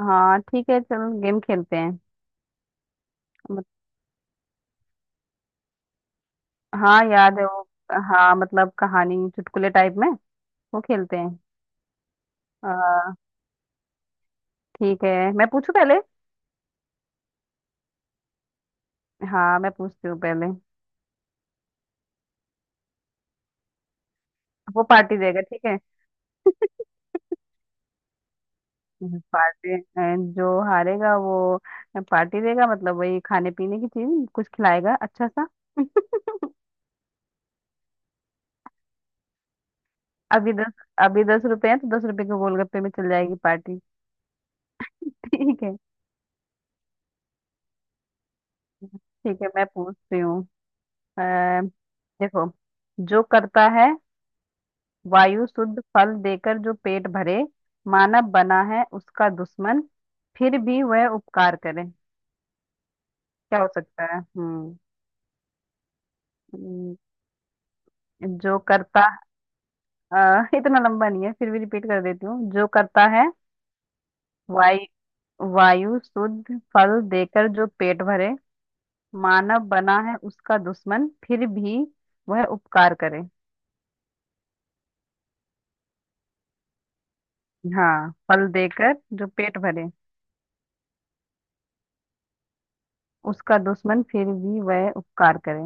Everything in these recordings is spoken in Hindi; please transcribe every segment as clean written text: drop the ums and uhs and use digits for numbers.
हाँ, ठीक है। चल, गेम खेलते हैं। मत- हाँ, याद है वो। हाँ, मतलब कहानी चुटकुले टाइप में वो खेलते हैं। आ, ठीक है, मैं पूछू पहले। हाँ, मैं पूछती हूँ पहले। वो पार्टी देगा, ठीक है। पार्टी, जो हारेगा वो पार्टी देगा, मतलब वही खाने पीने की चीज कुछ खिलाएगा अच्छा सा। अभी दस अभी 10 रुपए हैं, तो 10 रुपए के गोलगप्पे में चल जाएगी पार्टी। ठीक है। ठीक है, मैं पूछती हूँ। अ, देखो, जो करता है वायु शुद्ध, फल देकर जो पेट भरे, मानव बना है उसका दुश्मन, फिर भी वह उपकार करे। क्या हो सकता है? हम्म, जो करता अ, इतना लंबा नहीं है, फिर भी रिपीट कर देती हूँ। जो करता है वायु वायु शुद्ध, फल देकर जो पेट भरे, मानव बना है उसका दुश्मन, फिर भी वह उपकार करे। हाँ, फल देकर जो पेट भरे, उसका दुश्मन, फिर भी वह उपकार करे।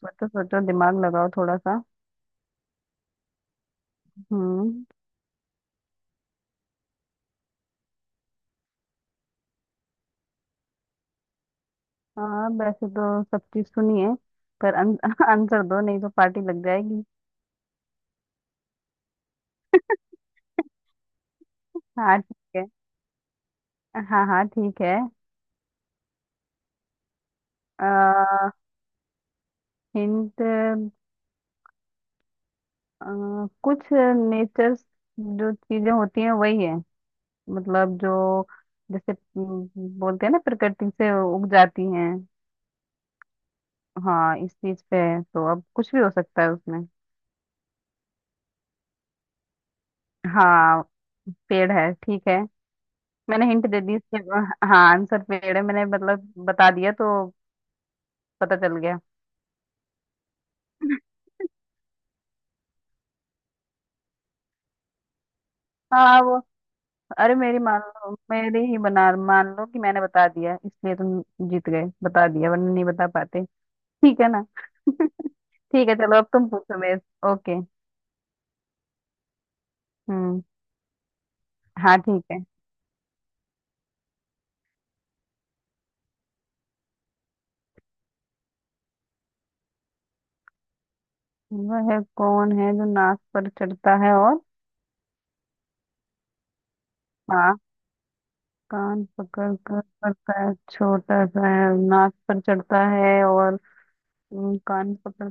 सोचो, सोचो, दिमाग लगाओ थोड़ा सा। हम्म। हाँ, वैसे तो सब चीज सुनी है, पर आंसर दो, नहीं तो पार्टी लग जाएगी। हाँ, ठीक है। हाँ, हाँ, ठीक है। आ, हिंट, कुछ नेचर, जो चीजें होती हैं वही है, मतलब जो जैसे बोलते हैं ना, प्रकृति से उग जाती हैं। हाँ, इस चीज पे है, तो अब कुछ भी हो सकता है उसमें। हाँ, पेड़ है, ठीक है। मैंने हिंट दे दी इसके। हाँ, आंसर पेड़ है, मैंने मतलब बता दिया तो पता चल गया। हाँ, वो। अरे, मेरी मान लो, मेरी ही बना मान लो कि मैंने बता दिया, इसलिए तुम जीत गए, बता दिया, वरना नहीं बता पाते। ठीक है ना। ठीक है, चलो अब तुम पूछो मेरे। ओके। हम्म हाँ, ठीक है। वह है, कौन है जो नाक पर चढ़ता है और। हाँ, कान पकड़ कर करता है, छोटा सा है, नाक पर चढ़ता है और। कान पकड़,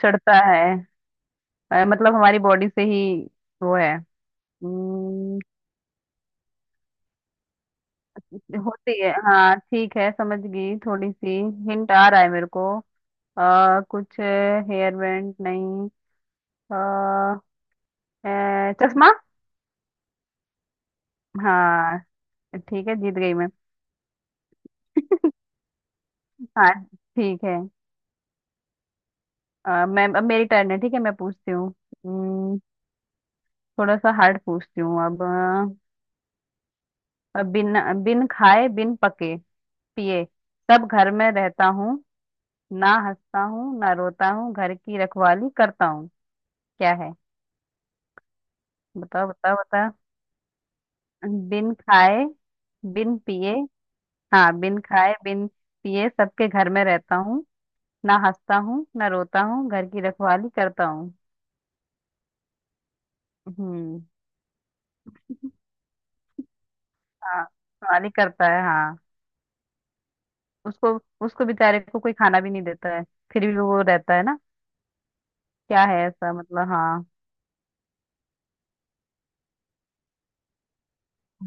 चढ़ता है। मतलब हमारी बॉडी से ही वो है। हम्म, होती है। हाँ, ठीक है, समझ गई थोड़ी सी। हिंट आ रहा है मेरे को। कुछ हेयर बैंड नहीं? अ, चश्मा। हाँ, ठीक है, जीत गई मैं। हाँ, ठीक है। मैं, अब मेरी टर्न है, ठीक है मैं पूछती हूँ। हम्म, थोड़ा सा हार्ड पूछती हूँ अब। बिन बिन खाए, बिन पके पिए, सब घर में रहता हूँ, ना हंसता हूँ ना रोता हूँ, घर की रखवाली करता हूँ। क्या है? बताओ, बताओ, बताओ। बिन खाए, बिन पिए। हाँ, बिन खाए बिन पिए, सबके घर में रहता हूँ, ना हंसता हूँ ना रोता हूँ, घर की रखवाली करता हूँ। हम्म। हाँ, रखवाली करता है, हाँ। उसको उसको बेचारे को कोई खाना भी नहीं देता है, फिर भी वो रहता है ना। क्या है ऐसा, मतलब, हाँ।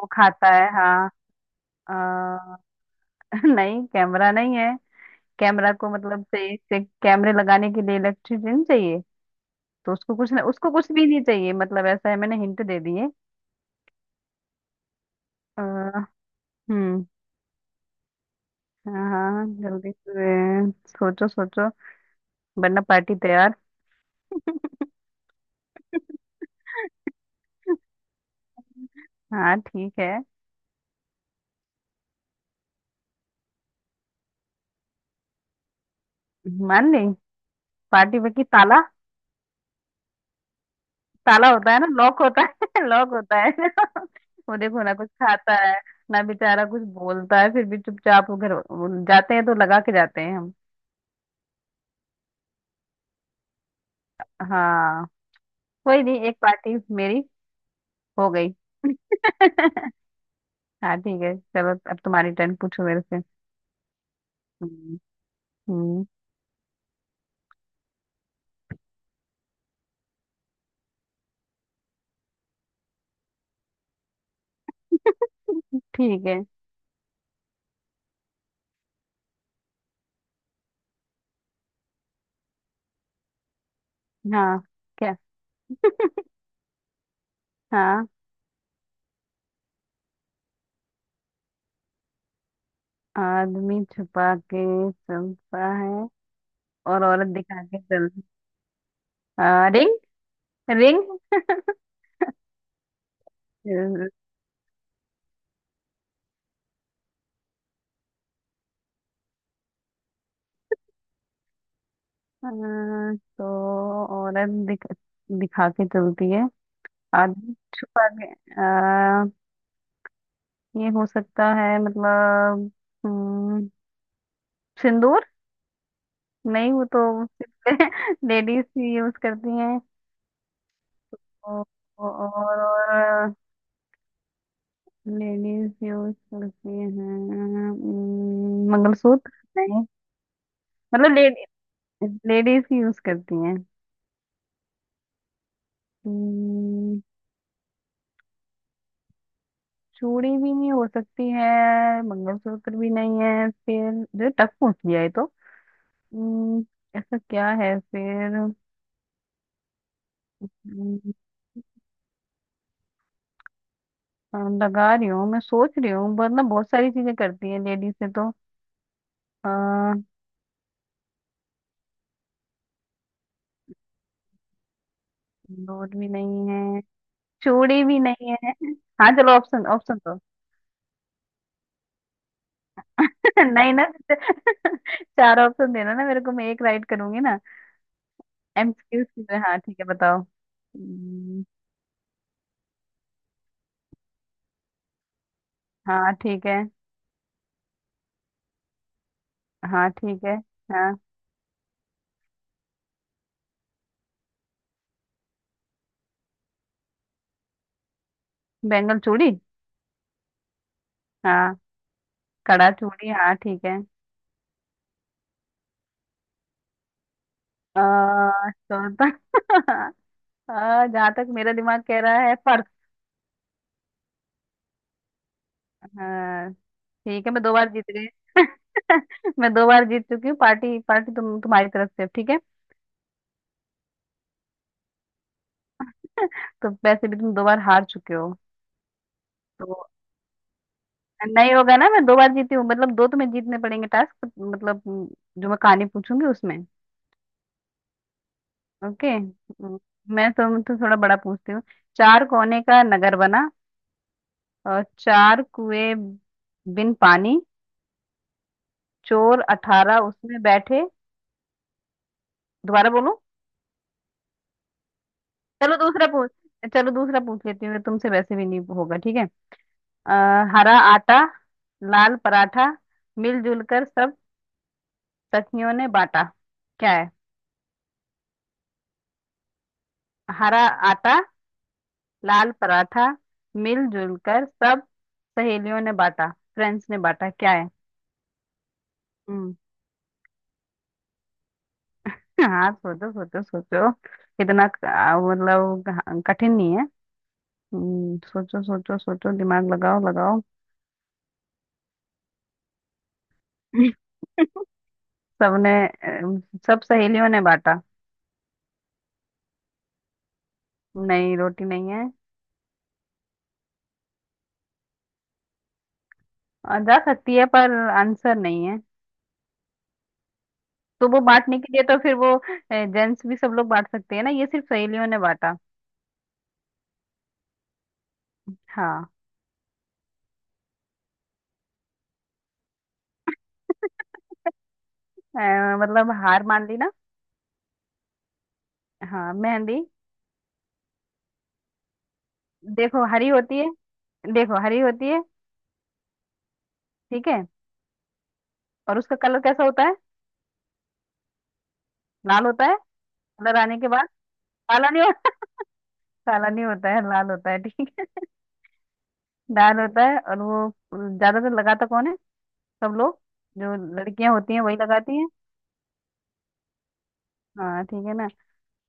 वो खाता है, हाँ। अ, नहीं, कैमरा नहीं है। कैमरा को मतलब से कैमरे लगाने के लिए इलेक्ट्रिसिटी चाहिए। तो उसको कुछ नहीं, उसको कुछ भी नहीं चाहिए, मतलब ऐसा है, मैंने हिंट दे दी है। अ, हम्म हाँ, हाँ जल्दी से, सोचो, सोचो, वरना पार्टी तैयार। हाँ, ठीक है, मान ली। पार्टी में की, ताला। ताला होता है ना, लॉक होता है। लॉक होता है। वो देखो ना, कुछ खाता है ना बेचारा, कुछ बोलता है, फिर भी चुपचाप, वो घर वो जाते हैं तो लगा के जाते हैं हम। हाँ, कोई नहीं, एक पार्टी मेरी हो गई। हाँ, ठीक है, चलो अब तुम्हारी टर्न, पूछो मेरे से। हम्म, हम्म। ठीक है। हाँ, क्या? हाँ। आदमी छुपा के चलता है, और औरत दिखा के चलती। रिंग। रिंग। तो औरत दिखा के चलती है, आदमी छुपा के। आ, ये हो सकता है मतलब। हम्म, सिंदूर। नहीं, वो तो लेडीज ही यूज करती हैं। और और लेडीज यूज करती हैं। मंगलसूत्र। नहीं, मतलब लेडीज ही यूज करती हैं। हम्म, चूड़ी भी नहीं हो सकती है, मंगलसूत्र भी नहीं है फिर, जो टक पूछ लिया है तो। हम्म, ऐसा क्या है फिर? हम्म, हाँ, लगा रही हूँ, मैं सोच रही हूँ, वरना बहुत सारी चीजें करती है लेडीज से तो। आ, दूध भी नहीं है, चूड़ी भी नहीं है। हाँ, चलो ऑप्शन, ऑप्शन तो। नहीं ना, चार ऑप्शन देना ना मेरे को, मैं एक राइट करूंगी ना, MCQs की तरह। हाँ, ठीक है, बताओ। हाँ, ठीक है। हाँ, ठीक है। हाँ, बेंगल चूड़ी। हाँ, कड़ा चूड़ी, हाँ ठीक है। चौथा। जहाँ तक मेरा दिमाग कह रहा है, पर्स। हाँ, ठीक है, मैं 2 बार जीत गई। मैं 2 बार जीत चुकी हूँ, पार्टी, पार्टी तुम्हारी तरफ से, ठीक है। तो वैसे भी तुम 2 बार हार चुके हो। तो नहीं होगा ना, मैं 2 बार जीती हूँ मतलब दो तुम्हें जीतने पड़ेंगे, टास्क मतलब, जो मैं कहानी पूछूंगी उसमें। ओके। मैं तुम तो थोड़ा बड़ा पूछती हूँ। चार कोने का नगर बना, और चार कुएं बिन पानी, चोर 18 उसमें बैठे। दोबारा बोलूं? चलो दूसरा पूछ चलो दूसरा पूछ लेती हूँ तुमसे, वैसे भी नहीं होगा, ठीक है। हरा आटा, लाल पराठा, मिलजुल कर सब सखियों ने बांटा। क्या है? हरा आटा, लाल पराठा, मिलजुल कर सब सहेलियों ने बांटा, फ्रेंड्स ने बांटा। क्या है? हाँ, सोचो, सोचो, सोचो। इतना मतलब कठिन नहीं है। सोचो, सोचो, सोचो, दिमाग लगाओ, लगाओ। सबने, अम, सब सहेलियों ने बांटा। नहीं, रोटी नहीं है। जा सकती है, पर आंसर नहीं है। तो वो बांटने के लिए तो, फिर वो जेंट्स भी सब लोग बांट सकते हैं ना, ये सिर्फ सहेलियों ने बांटा। हाँ। मतलब हार मान ली ना? हाँ, मेहंदी। देखो, हरी होती है। देखो, हरी होती है। ठीक है, और उसका कलर कैसा होता है? लाल होता है। कलर आने के बाद, काला नहीं होता। काला नहीं होता है, लाल होता है, ठीक है। लाल होता है, और वो ज्यादातर लगाता कौन है? सब लोग, जो लड़कियां होती हैं वही लगाती हैं। हाँ, ठीक है ना।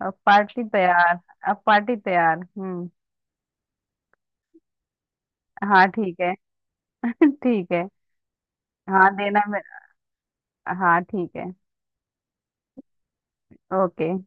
अब पार्टी तैयार, अब पार्टी तैयार। हम्म। हाँ, ठीक है। ठीक है। हाँ, देना मेरा। हाँ, ठीक है। ओके।